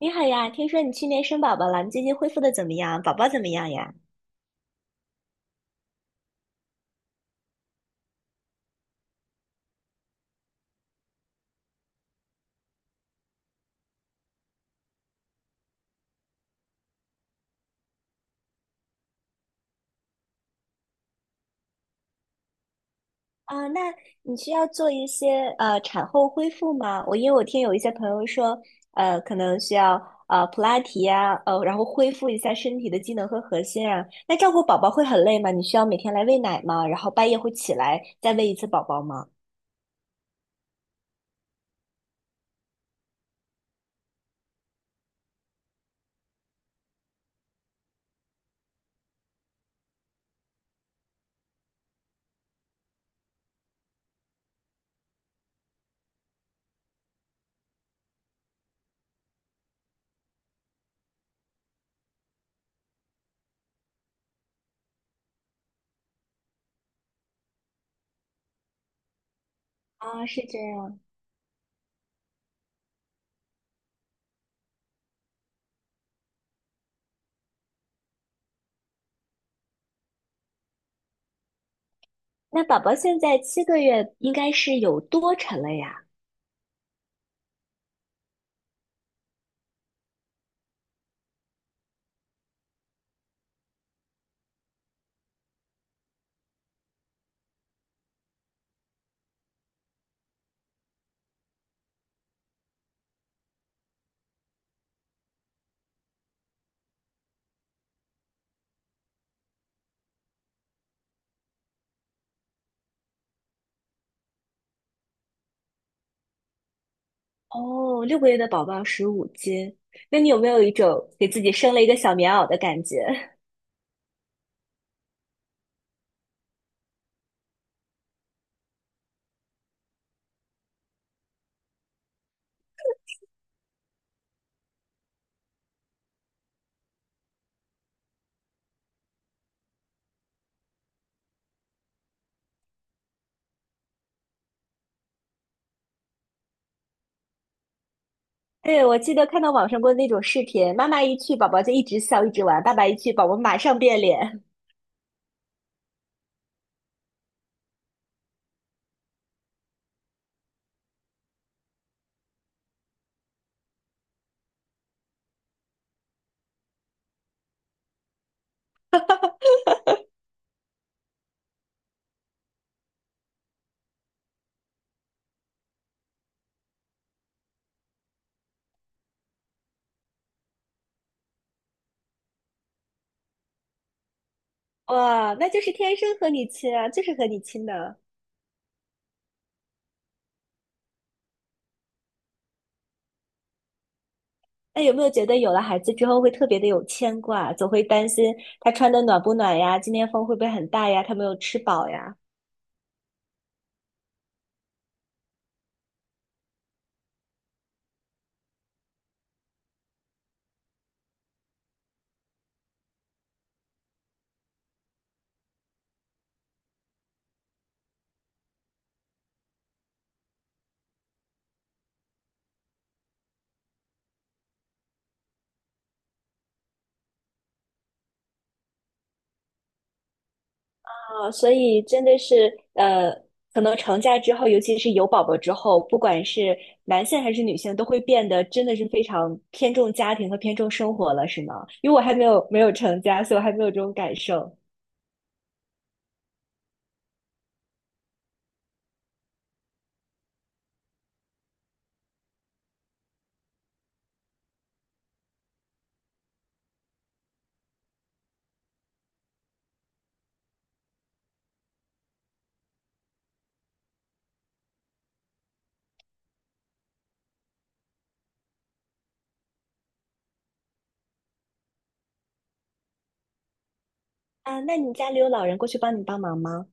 你好呀，听说你去年生宝宝了，你最近恢复的怎么样？宝宝怎么样呀？啊，那你需要做一些产后恢复吗？因为我听有一些朋友说，可能需要普拉提呀，然后恢复一下身体的机能和核心啊。那照顾宝宝会很累吗？你需要每天来喂奶吗？然后半夜会起来再喂一次宝宝吗？啊，是这样。那宝宝现在7个月，应该是有多沉了呀？哦，6个月的宝宝15斤，那你有没有一种给自己生了一个小棉袄的感觉？对，我记得看到网上过那种视频，妈妈一去，宝宝就一直笑一直玩；爸爸一去，宝宝马上变脸。哇，那就是天生和你亲啊，就是和你亲的。那有没有觉得有了孩子之后会特别的有牵挂，总会担心他穿的暖不暖呀，今天风会不会很大呀，他没有吃饱呀？所以真的是可能成家之后，尤其是有宝宝之后，不管是男性还是女性，都会变得真的是非常偏重家庭和偏重生活了，是吗？因为我还没有成家，所以我还没有这种感受啊。那你家里有老人过去帮你帮忙吗？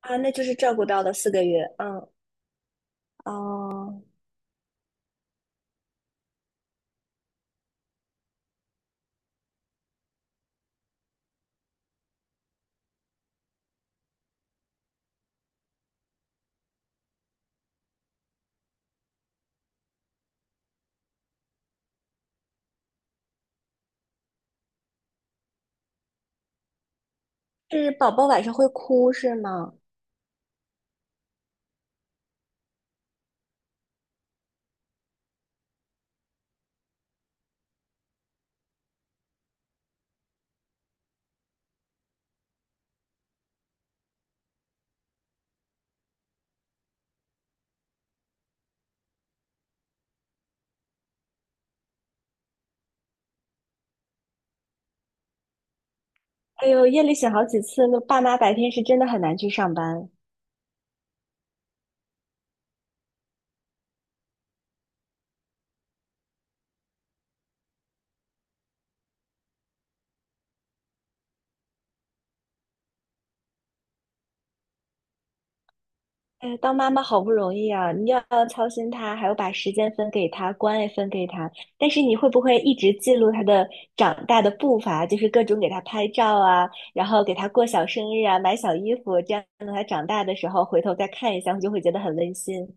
啊，那就是照顾到了4个月，嗯，哦，是宝宝晚上会哭是吗？哎呦，夜里醒好几次，那爸妈白天是真的很难去上班。哎，当妈妈好不容易啊，你要操心他，还要把时间分给他，关爱分给他。但是你会不会一直记录他的长大的步伐，就是各种给他拍照啊，然后给他过小生日啊，买小衣服，这样等他长大的时候回头再看一下，你就会觉得很温馨。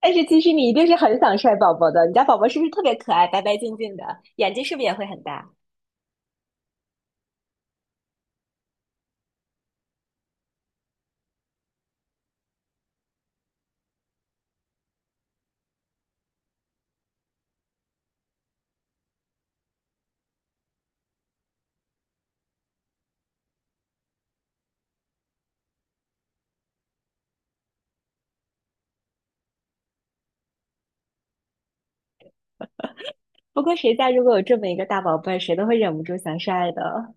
但是其实你一定是很想晒宝宝的，你家宝宝是不是特别可爱，白白净净的，眼睛是不是也会很大？不过谁家如果有这么一个大宝贝儿谁都会忍不住想晒的。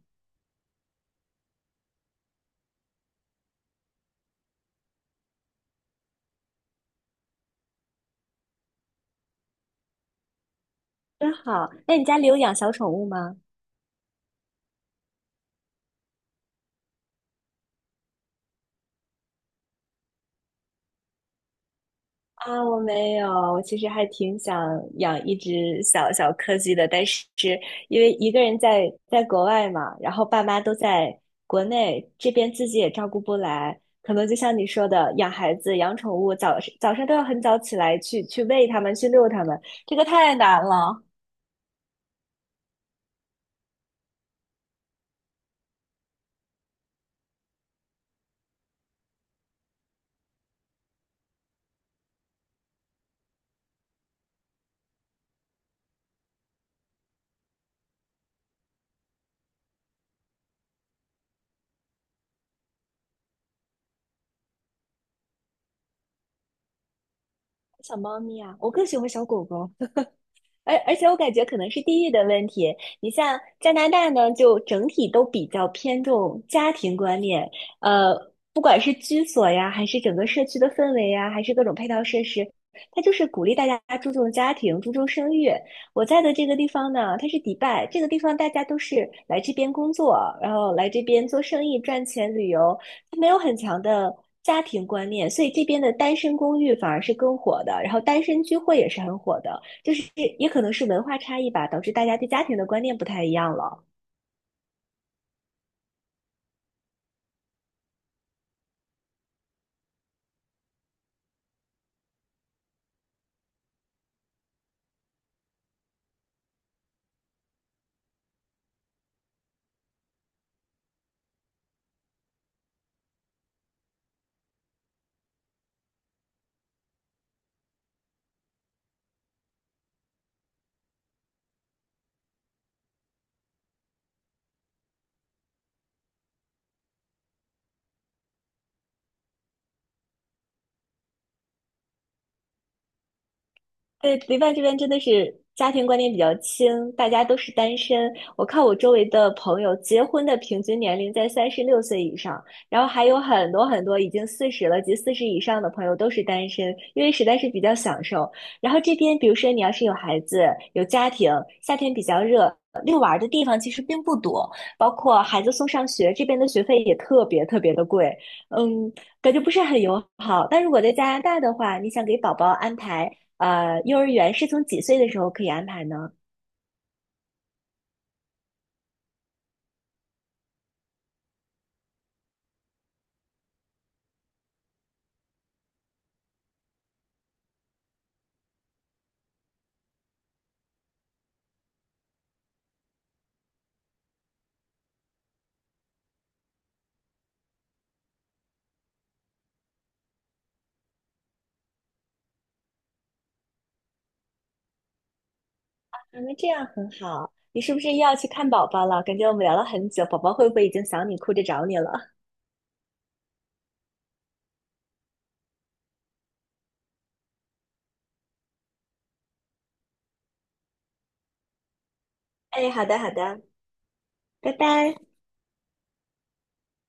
真好，那你家里有养小宠物吗？啊，我没有，我其实还挺想养一只小小柯基的，但是因为一个人在国外嘛，然后爸妈都在国内，这边自己也照顾不来，可能就像你说的，养孩子、养宠物，早上都要很早起来去喂它们、去遛它们，这个太难了。小猫咪啊，我更喜欢小狗狗。而且我感觉可能是地域的问题。你像加拿大呢，就整体都比较偏重家庭观念，呃，不管是居所呀，还是整个社区的氛围呀，还是各种配套设施，它就是鼓励大家注重家庭、注重生育。我在的这个地方呢，它是迪拜，这个地方大家都是来这边工作，然后来这边做生意、赚钱、旅游，它没有很强的。家庭观念，所以这边的单身公寓反而是更火的，然后单身聚会也是很火的。就是也可能是文化差异吧，导致大家对家庭的观念不太一样了。对，迪拜这边真的是家庭观念比较轻，大家都是单身。我看我周围的朋友，结婚的平均年龄在36岁以上，然后还有很多很多已经四十了及四十以上的朋友都是单身，因为实在是比较享受。然后这边，比如说你要是有孩子、有家庭，夏天比较热，遛娃儿的地方其实并不多，包括孩子送上学，这边的学费也特别特别的贵，嗯，感觉不是很友好。但如果在加拿大的话，你想给宝宝安排。幼儿园是从几岁的时候可以安排呢？啊，那这样很好。你是不是又要去看宝宝了？感觉我们聊了很久，宝宝会不会已经想你，哭着找你了？哎，好的，好的，拜拜。